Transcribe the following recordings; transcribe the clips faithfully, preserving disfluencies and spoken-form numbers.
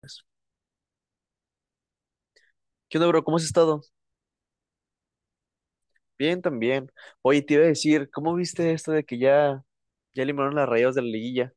Pues, ¿qué onda, bro? ¿Cómo has estado? Bien, también. Oye, te iba a decir, ¿cómo viste esto de que ya, ya eliminaron las Rayadas de la liguilla?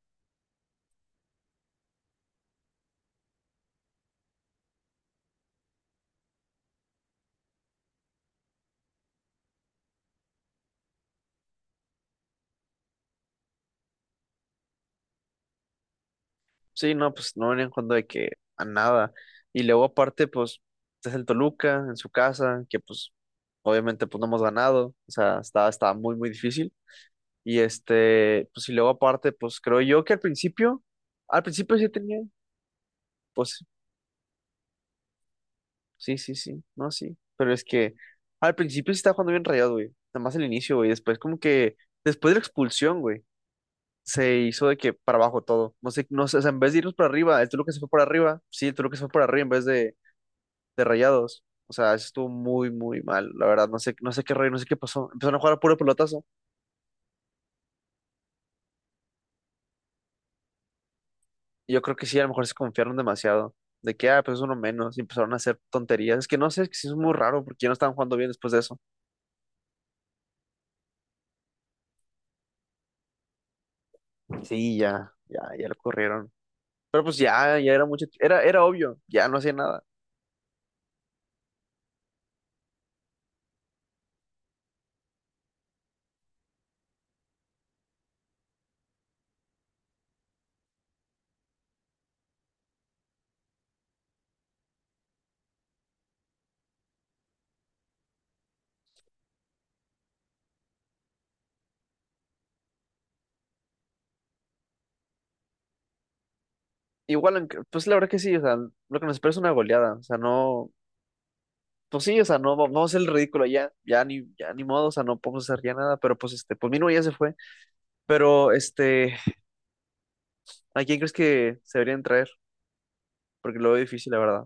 Sí, no, pues no venían jugando de que a nada. Y luego aparte, pues, es el Toluca en su casa, que pues obviamente pues no hemos ganado. O sea, estaba, estaba muy, muy difícil. Y este, pues y luego aparte, pues creo yo que al principio, al principio sí tenía, pues sí, sí, sí, no, sí. Pero es que al principio sí estaba jugando bien rayado, güey. Nada más el inicio, güey. Después, como que después de la expulsión, güey, se hizo de que para abajo todo. No sé, no sé, o sea, en vez de irnos para arriba, el Toluca se fue para arriba. Sí, el Toluca se fue para arriba en vez de, de rayados. O sea, eso estuvo muy, muy mal, la verdad. No sé, no sé qué rayo no sé qué pasó. Empezaron a jugar a puro pelotazo. Y yo creo que sí, a lo mejor se confiaron demasiado. De que, ah, pues es uno menos. Y empezaron a hacer tonterías. Es que no sé, es que sí es muy raro porque ya no estaban jugando bien después de eso. Sí, ya, ya, ya lo corrieron. Pero pues ya, ya era mucho, era, era obvio, ya no hacía nada. Igual, en- pues la verdad que sí, o sea, lo que nos espera es una goleada, o sea, no, pues sí, o sea, no, va- vamos a hacer el ridículo ya, ya ni, ya ni modo, o sea, no podemos hacer ya nada, pero pues este, pues Mino ya se fue, pero este, ¿a quién crees que se deberían traer? Porque lo veo difícil, la verdad.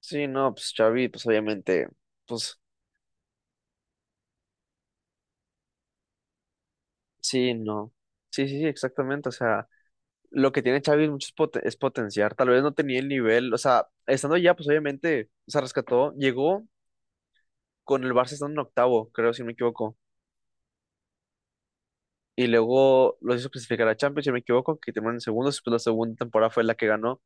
Sí, no, pues Xavi, pues obviamente, pues sí, no, sí, sí, sí, exactamente, o sea, lo que tiene Xavi es mucho es, poten- es potenciar, tal vez no tenía el nivel, o sea, estando ya, pues obviamente, o sea, rescató, llegó con el Barça estando en octavo, creo, si no me equivoco. Y luego los hizo clasificar a Champions, si no me equivoco, que terminaron en segundos. Después la segunda temporada fue la que ganó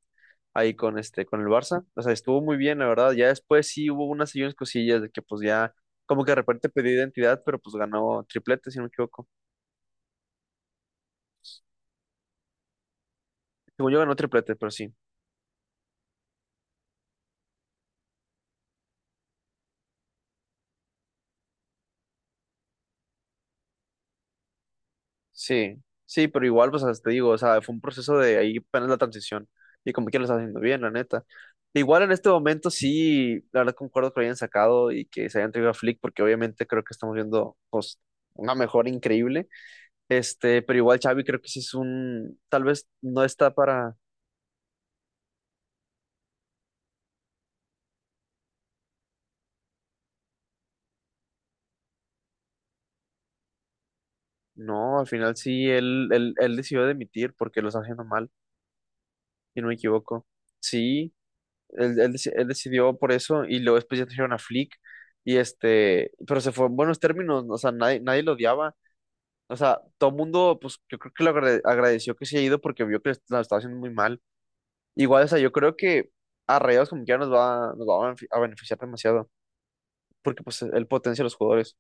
ahí con este, con el Barça. O sea, estuvo muy bien, la verdad. Ya después sí hubo unas y unas cosillas de que pues ya como que de repente perdió identidad, pero pues ganó triplete, si no me equivoco. Según yo ganó triplete, pero sí. Sí, sí, pero igual, pues hasta te digo, o sea, fue un proceso de ahí apenas la transición y como que lo está haciendo bien, la neta. Igual en este momento sí, la verdad concuerdo que lo hayan sacado y que se hayan traído a Flick, porque obviamente creo que estamos viendo pues, una mejora increíble. Este, pero igual Xavi creo que sí es un, tal vez no está para, no, al final sí, él, él, él decidió demitir porque lo está haciendo mal, y no me equivoco. Sí, Él, él deci- él decidió por eso y luego después ya trajeron a Flick y este, pero se fue en buenos términos, o sea, nadie, nadie lo odiaba, o sea, todo el mundo, pues yo creo que lo agrade- agradeció que se haya ido porque vio que lo estaba haciendo muy mal. Igual, o sea, yo creo que a Rayados como que ya nos va, nos va a benef- a beneficiar demasiado porque pues él potencia a los jugadores.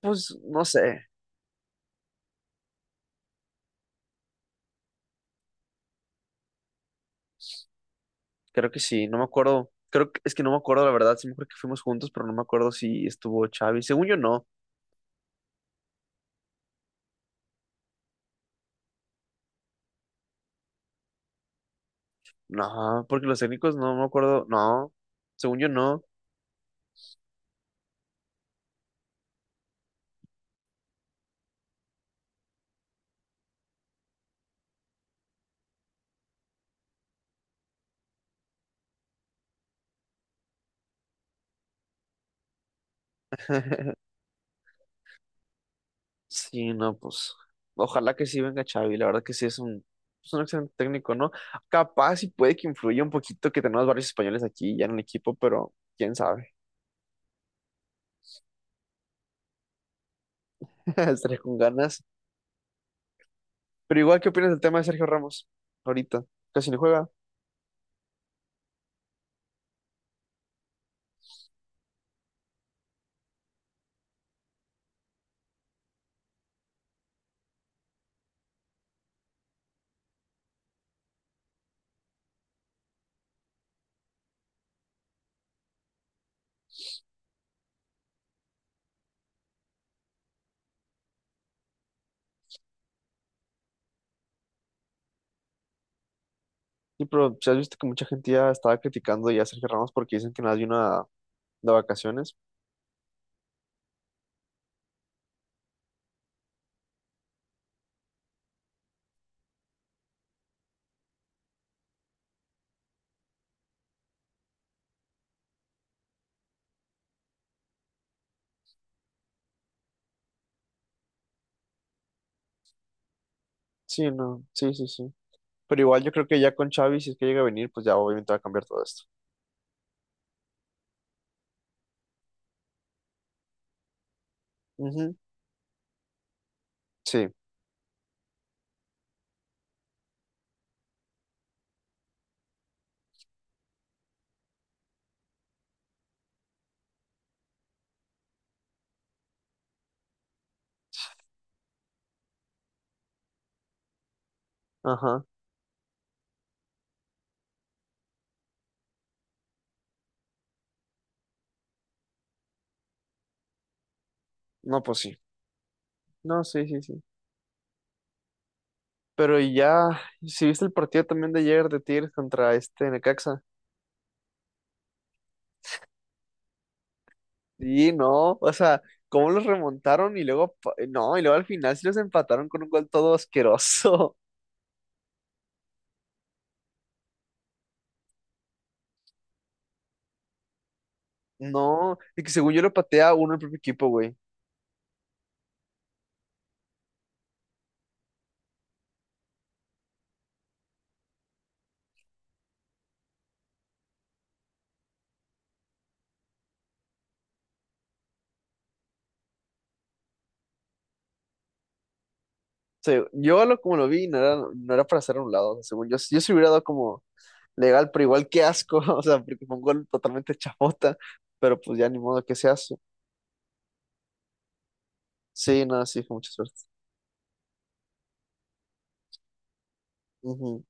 Pues no sé, creo que sí, no me acuerdo, creo que es que no me acuerdo la verdad, sí me acuerdo que fuimos juntos, pero no me acuerdo si estuvo Xavi, según yo no, no, porque los técnicos no me acuerdo, no, según yo no. Sí, no, pues ojalá que sí venga Xavi, la verdad que sí es un, es un excelente técnico, ¿no? Capaz y puede que influya un poquito que tenemos varios españoles aquí ya en el equipo, pero quién sabe, estaré con ganas. Pero igual, ¿qué opinas del tema de Sergio Ramos ahorita? Casi no juega. Sí, pero si has visto que mucha gente ya estaba criticando ya a Sergio Ramos porque dicen que nada de una de vacaciones. Sí, no, sí, sí, sí. Pero igual yo creo que ya con Xavi, si es que llega a venir, pues ya obviamente va a cambiar todo esto. Ujú, sí, ajá. No, pues sí. No, sí, sí, sí. Pero ya, si viste el partido también de ayer de Tigres contra este Necaxa. Y no, o sea, cómo los remontaron y luego, pa- eh, no, y luego al final sí los empataron con un gol todo asqueroso. No, y que según yo lo patea uno el propio equipo, güey. O sea, yo lo, como lo vi, no era, no era para hacer a un lado. O sea, según yo, yo se hubiera dado como legal, pero igual qué asco. O sea, porque fue un gol totalmente chafota. Pero pues ya ni modo que se hace. Sí, nada, sí, fue mucha suerte. Ujú.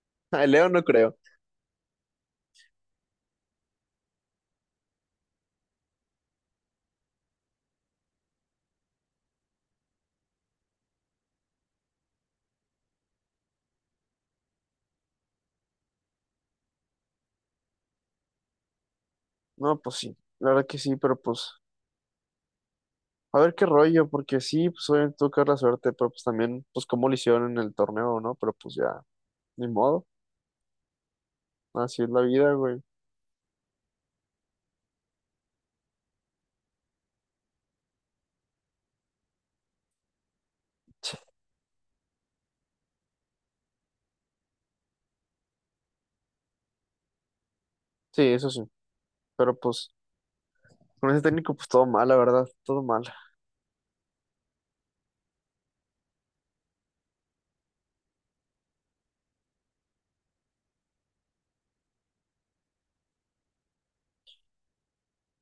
A Leo no creo. No, pues sí, la verdad que sí, pero pues. A ver qué rollo, porque sí, pues obviamente tuvo que haber la suerte, pero pues también, pues cómo lo hicieron en el torneo, ¿no? Pero pues ya, ni modo, así es la vida, güey. Sí, eso sí, pero pues con ese técnico, pues todo mal, la verdad, todo mal.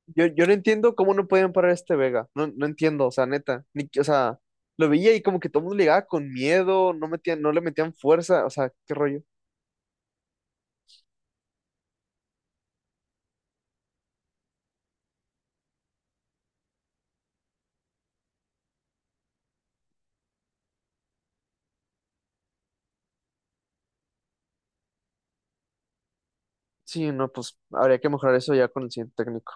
Yo, yo no entiendo cómo no pueden parar a este Vega, no, no entiendo, o sea, neta, ni, que- o sea, lo veía y como que todo el mundo le llegaba con miedo, no metían, no le metían fuerza, o sea, qué rollo. Sí, no, pues habría que mejorar eso ya con el siguiente técnico.